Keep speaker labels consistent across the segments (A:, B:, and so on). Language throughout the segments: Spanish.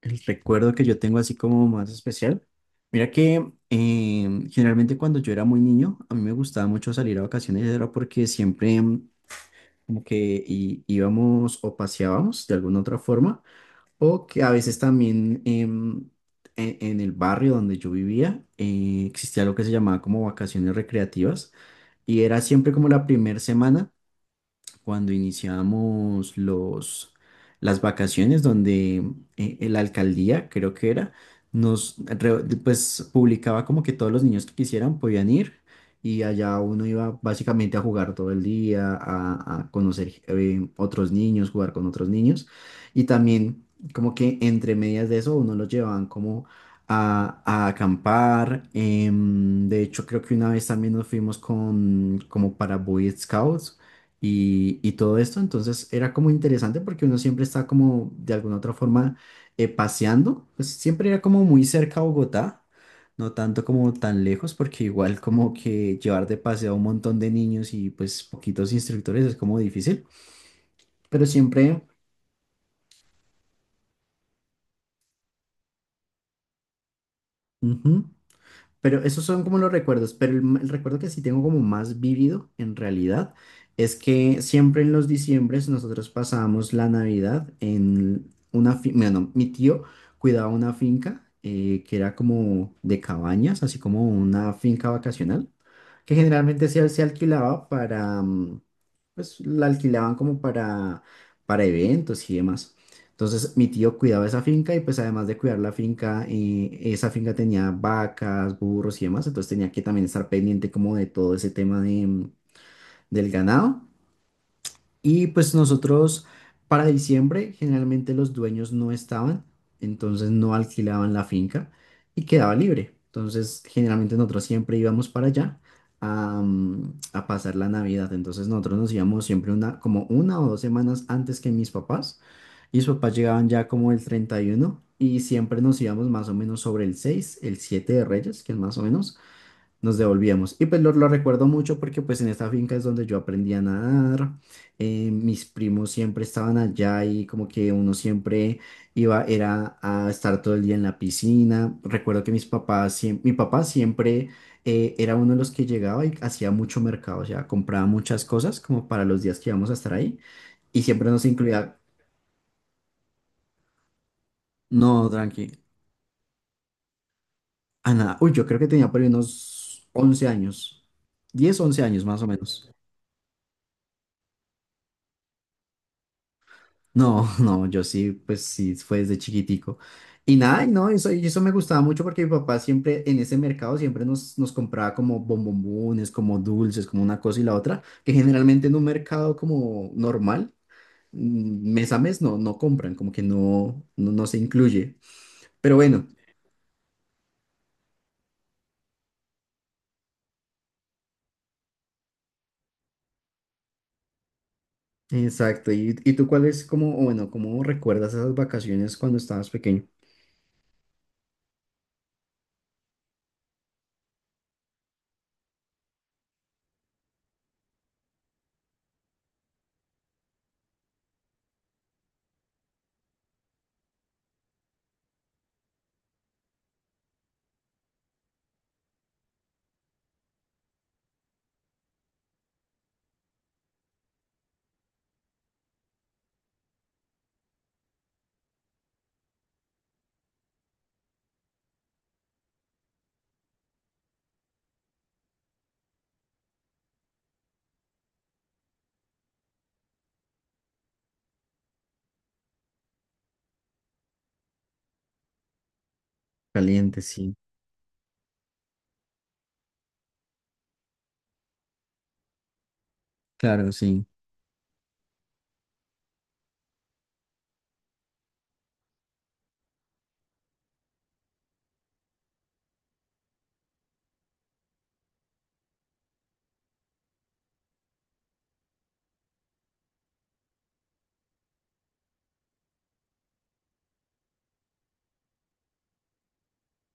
A: El recuerdo que yo tengo así como más especial. Mira que generalmente cuando yo era muy niño, a mí me gustaba mucho salir a vacaciones, era porque siempre como que íbamos o paseábamos de alguna otra forma, o que a veces también en el barrio donde yo vivía existía lo que se llamaba como vacaciones recreativas, y era siempre como la primera semana cuando iniciamos las vacaciones, donde la alcaldía, creo que era, pues, publicaba como que todos los niños que quisieran podían ir y allá uno iba básicamente a jugar todo el día, a conocer otros niños, jugar con otros niños y también como que entre medias de eso uno los llevaban como a acampar. De hecho, creo que una vez también nos fuimos como para Boy Scouts y todo esto. Entonces era como interesante porque uno siempre está como de alguna otra forma paseando, pues siempre era como muy cerca a Bogotá, no tanto como tan lejos, porque igual como que llevar de paseo a un montón de niños y pues poquitos instructores es como difícil, pero siempre... Ujú. Pero esos son como los recuerdos, pero el recuerdo que sí tengo como más vívido en realidad es que siempre en los diciembres nosotros pasábamos la Navidad en una finca. Bueno, mi tío cuidaba una finca que era como de cabañas, así como una finca vacacional, que generalmente se alquilaba pues la alquilaban como para eventos y demás. Entonces mi tío cuidaba esa finca y pues además de cuidar la finca, esa finca tenía vacas, burros y demás, entonces tenía que también estar pendiente como de todo ese tema del ganado. Y pues nosotros para diciembre generalmente los dueños no estaban, entonces no alquilaban la finca y quedaba libre. Entonces generalmente nosotros siempre íbamos para allá a pasar la Navidad. Entonces nosotros nos íbamos siempre como una o 2 semanas antes que mis papás. Y mis papás llegaban ya como el 31 y siempre nos íbamos más o menos sobre el 6 el 7 de Reyes, que es más o menos. Nos devolvíamos. Y pues lo recuerdo mucho porque pues en esta finca es donde yo aprendí a nadar. Mis primos siempre estaban allá y como que uno siempre iba, era a estar todo el día en la piscina. Recuerdo que mis papás, mi papá siempre era uno de los que llegaba y hacía mucho mercado, o sea, compraba muchas cosas como para los días que íbamos a estar ahí. Y siempre nos incluía, no, tranqui, a nada. Uy, yo creo que tenía por ahí unos 11 años, 10 11 años más o menos. No, no, yo sí, pues sí, fue desde chiquitico. Y nada, y no, eso, y eso me gustaba mucho porque mi papá siempre en ese mercado siempre nos compraba como bombombones, como dulces, como una cosa y la otra, que generalmente en un mercado como normal, mes a mes no compran, como que no se incluye. Pero bueno, exacto. ¿Y tú cuál es como, o bueno, cómo recuerdas esas vacaciones cuando estabas pequeño? Caliente, sí. Claro, sí.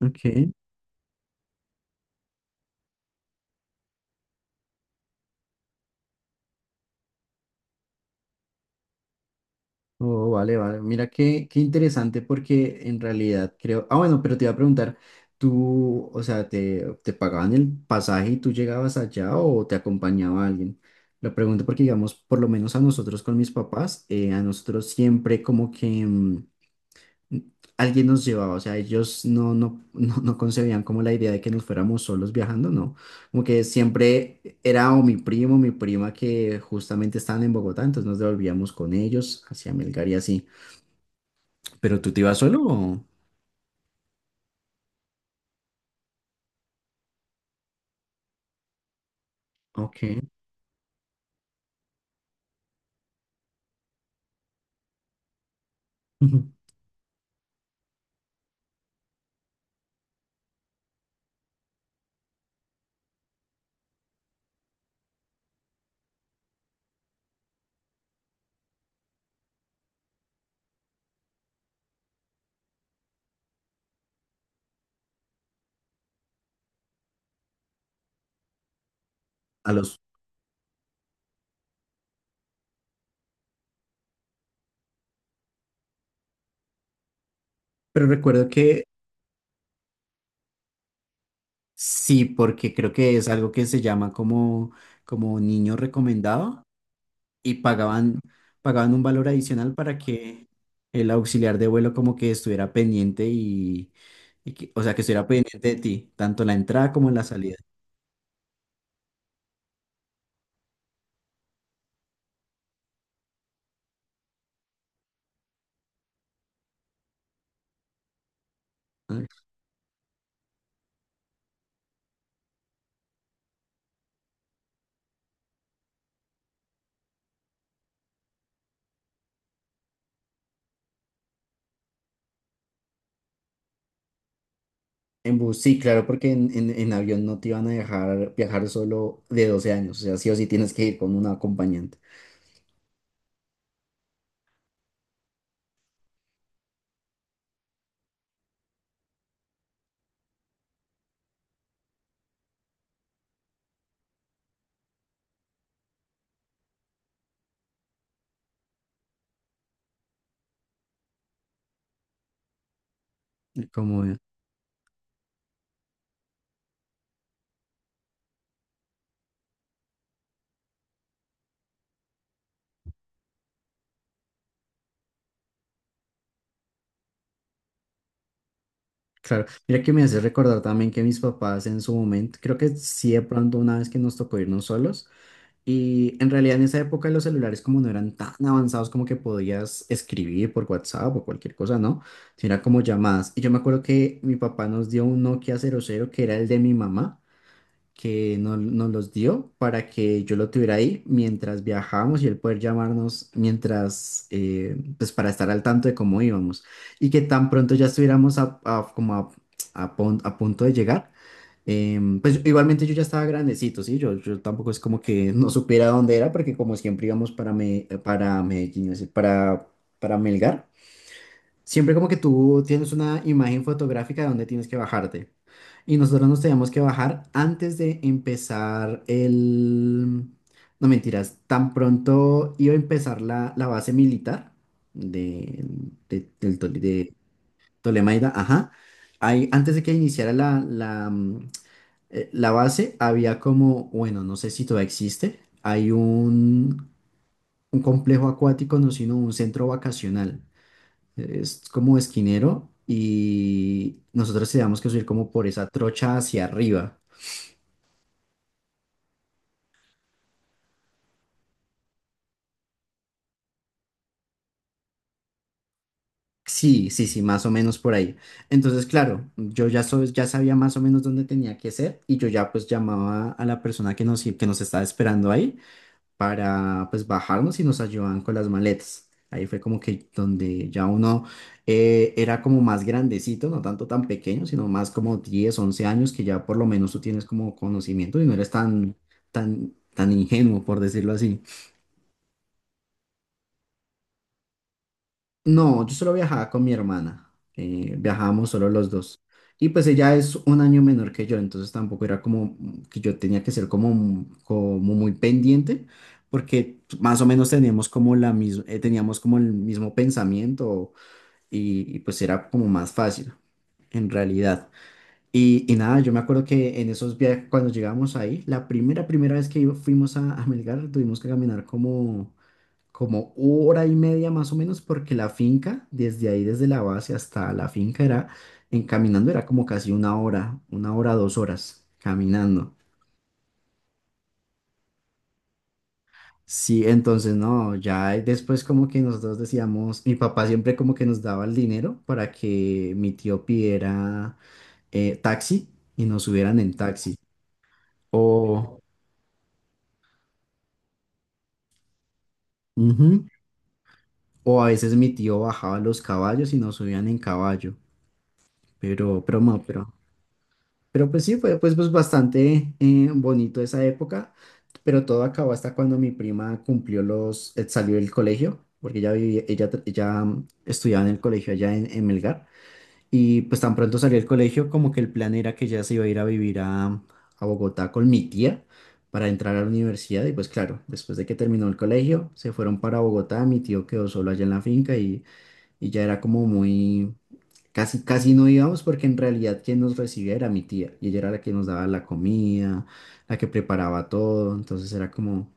A: Ok. Oh, vale, vale. Mira qué, qué interesante porque en realidad creo... Ah, bueno, pero te iba a preguntar, tú, o sea, ¿te pagaban el pasaje y tú llegabas allá o te acompañaba alguien? Lo pregunto porque, digamos, por lo menos a nosotros con mis papás, a nosotros siempre como que alguien nos llevaba, o sea, ellos no, no concebían como la idea de que nos fuéramos solos viajando, no. Como que siempre era o mi primo o mi prima que justamente estaban en Bogotá, entonces nos devolvíamos con ellos hacia Melgar y así. ¿Pero tú te ibas solo? ¿O? Ok. Ujú. A los... Pero recuerdo que sí, porque creo que es algo que se llama como, como niño recomendado y pagaban un valor adicional para que el auxiliar de vuelo como que estuviera pendiente o sea, que estuviera pendiente de ti, tanto la entrada como la salida. Ah. En bus, sí, claro, porque en avión no te iban a dejar viajar solo de 12 años, o sea, sí o sí tienes que ir con un acompañante. Como... Claro, mira que me hace recordar también que mis papás en su momento, creo que sí de pronto una vez que nos tocó irnos solos, y en realidad en esa época los celulares como no eran tan avanzados como que podías escribir por WhatsApp o cualquier cosa, ¿no? Sino era como llamadas. Y yo me acuerdo que mi papá nos dio un Nokia 00 que era el de mi mamá, que nos los dio para que yo lo tuviera ahí mientras viajábamos y él poder llamarnos mientras, pues para estar al tanto de cómo íbamos. Y que tan pronto ya estuviéramos a- como a pon- a punto de llegar. Pues igualmente yo ya estaba grandecito, ¿sí? Yo tampoco es como que no supiera dónde era, porque como siempre íbamos para Medellín, es decir, para, Melgar. Siempre como que tú tienes una imagen fotográfica de dónde tienes que bajarte. Y nosotros nos teníamos que bajar antes de empezar el... No mentiras, tan pronto iba a empezar la base militar de, de Ptolemaida. Ajá. Ahí, antes de que iniciara la base, había como, bueno, no sé si todavía existe, hay un complejo acuático, no, sino un centro vacacional, es como esquinero y nosotros teníamos que subir como por esa trocha hacia arriba. Sí, sí, sí, más o menos por ahí. Entonces, claro, yo ya sabía más o menos dónde tenía que ser, y yo ya pues llamaba a la persona que nos estaba esperando ahí para pues bajarnos y nos ayudaban con las maletas. Ahí fue como que donde ya uno era como más grandecito, no tanto tan pequeño, sino más como 10 11 años, que ya por lo menos tú tienes como conocimiento y no eres tan, tan, tan ingenuo, por decirlo así. No, yo solo viajaba con mi hermana. Viajábamos solo los dos. Y pues ella es un año menor que yo, entonces tampoco era como que yo tenía que ser como muy pendiente, porque más o menos teníamos como teníamos como el mismo pensamiento, y pues era como más fácil en realidad. Y nada, yo me acuerdo que en esos viajes, cuando llegamos ahí, la primera vez que fuimos a Melgar, tuvimos que caminar como hora y media más o menos, porque la finca, desde ahí, desde la base hasta la finca, era, en caminando era como casi una hora, 2 horas caminando. Sí, entonces no, ya después como que nosotros decíamos, mi papá siempre como que nos daba el dinero para que mi tío pidiera taxi y nos subieran en taxi. O, ujú, o a veces mi tío bajaba los caballos y nos subían en caballo, pero, no, pero. Pero pues sí, fue pues bastante bonito esa época, pero todo acabó hasta cuando mi prima cumplió salió del colegio, porque ella vivía, ella, tra- ella mm, estudiaba en el colegio allá en Melgar, y pues tan pronto salió del colegio como que el plan era que ella se iba a ir a vivir a Bogotá con mi tía para entrar a la universidad, y pues claro, después de que terminó el colegio, se fueron para Bogotá, mi tío quedó solo allá en la finca y ya era como muy... Casi, casi no íbamos porque en realidad quien nos recibía era mi tía y ella era la que nos daba la comida, la que preparaba todo, entonces era como,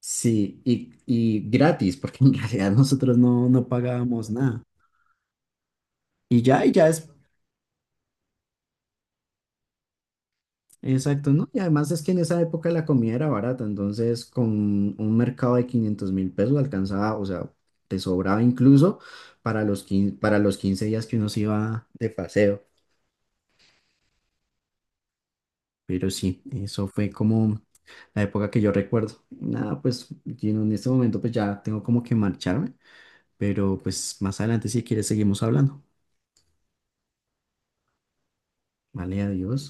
A: sí, y gratis porque en realidad nosotros no pagábamos nada. Y ya es, exacto, ¿no? Y además es que en esa época la comida era barata, entonces con un mercado de 500.000 pesos alcanzaba, o sea, te sobraba incluso para los 15 días que uno se iba de paseo. Pero sí, eso fue como la época que yo recuerdo. Nada, pues Gino, en este momento pues ya tengo como que marcharme, pero pues más adelante si quieres seguimos hablando. Vale, adiós.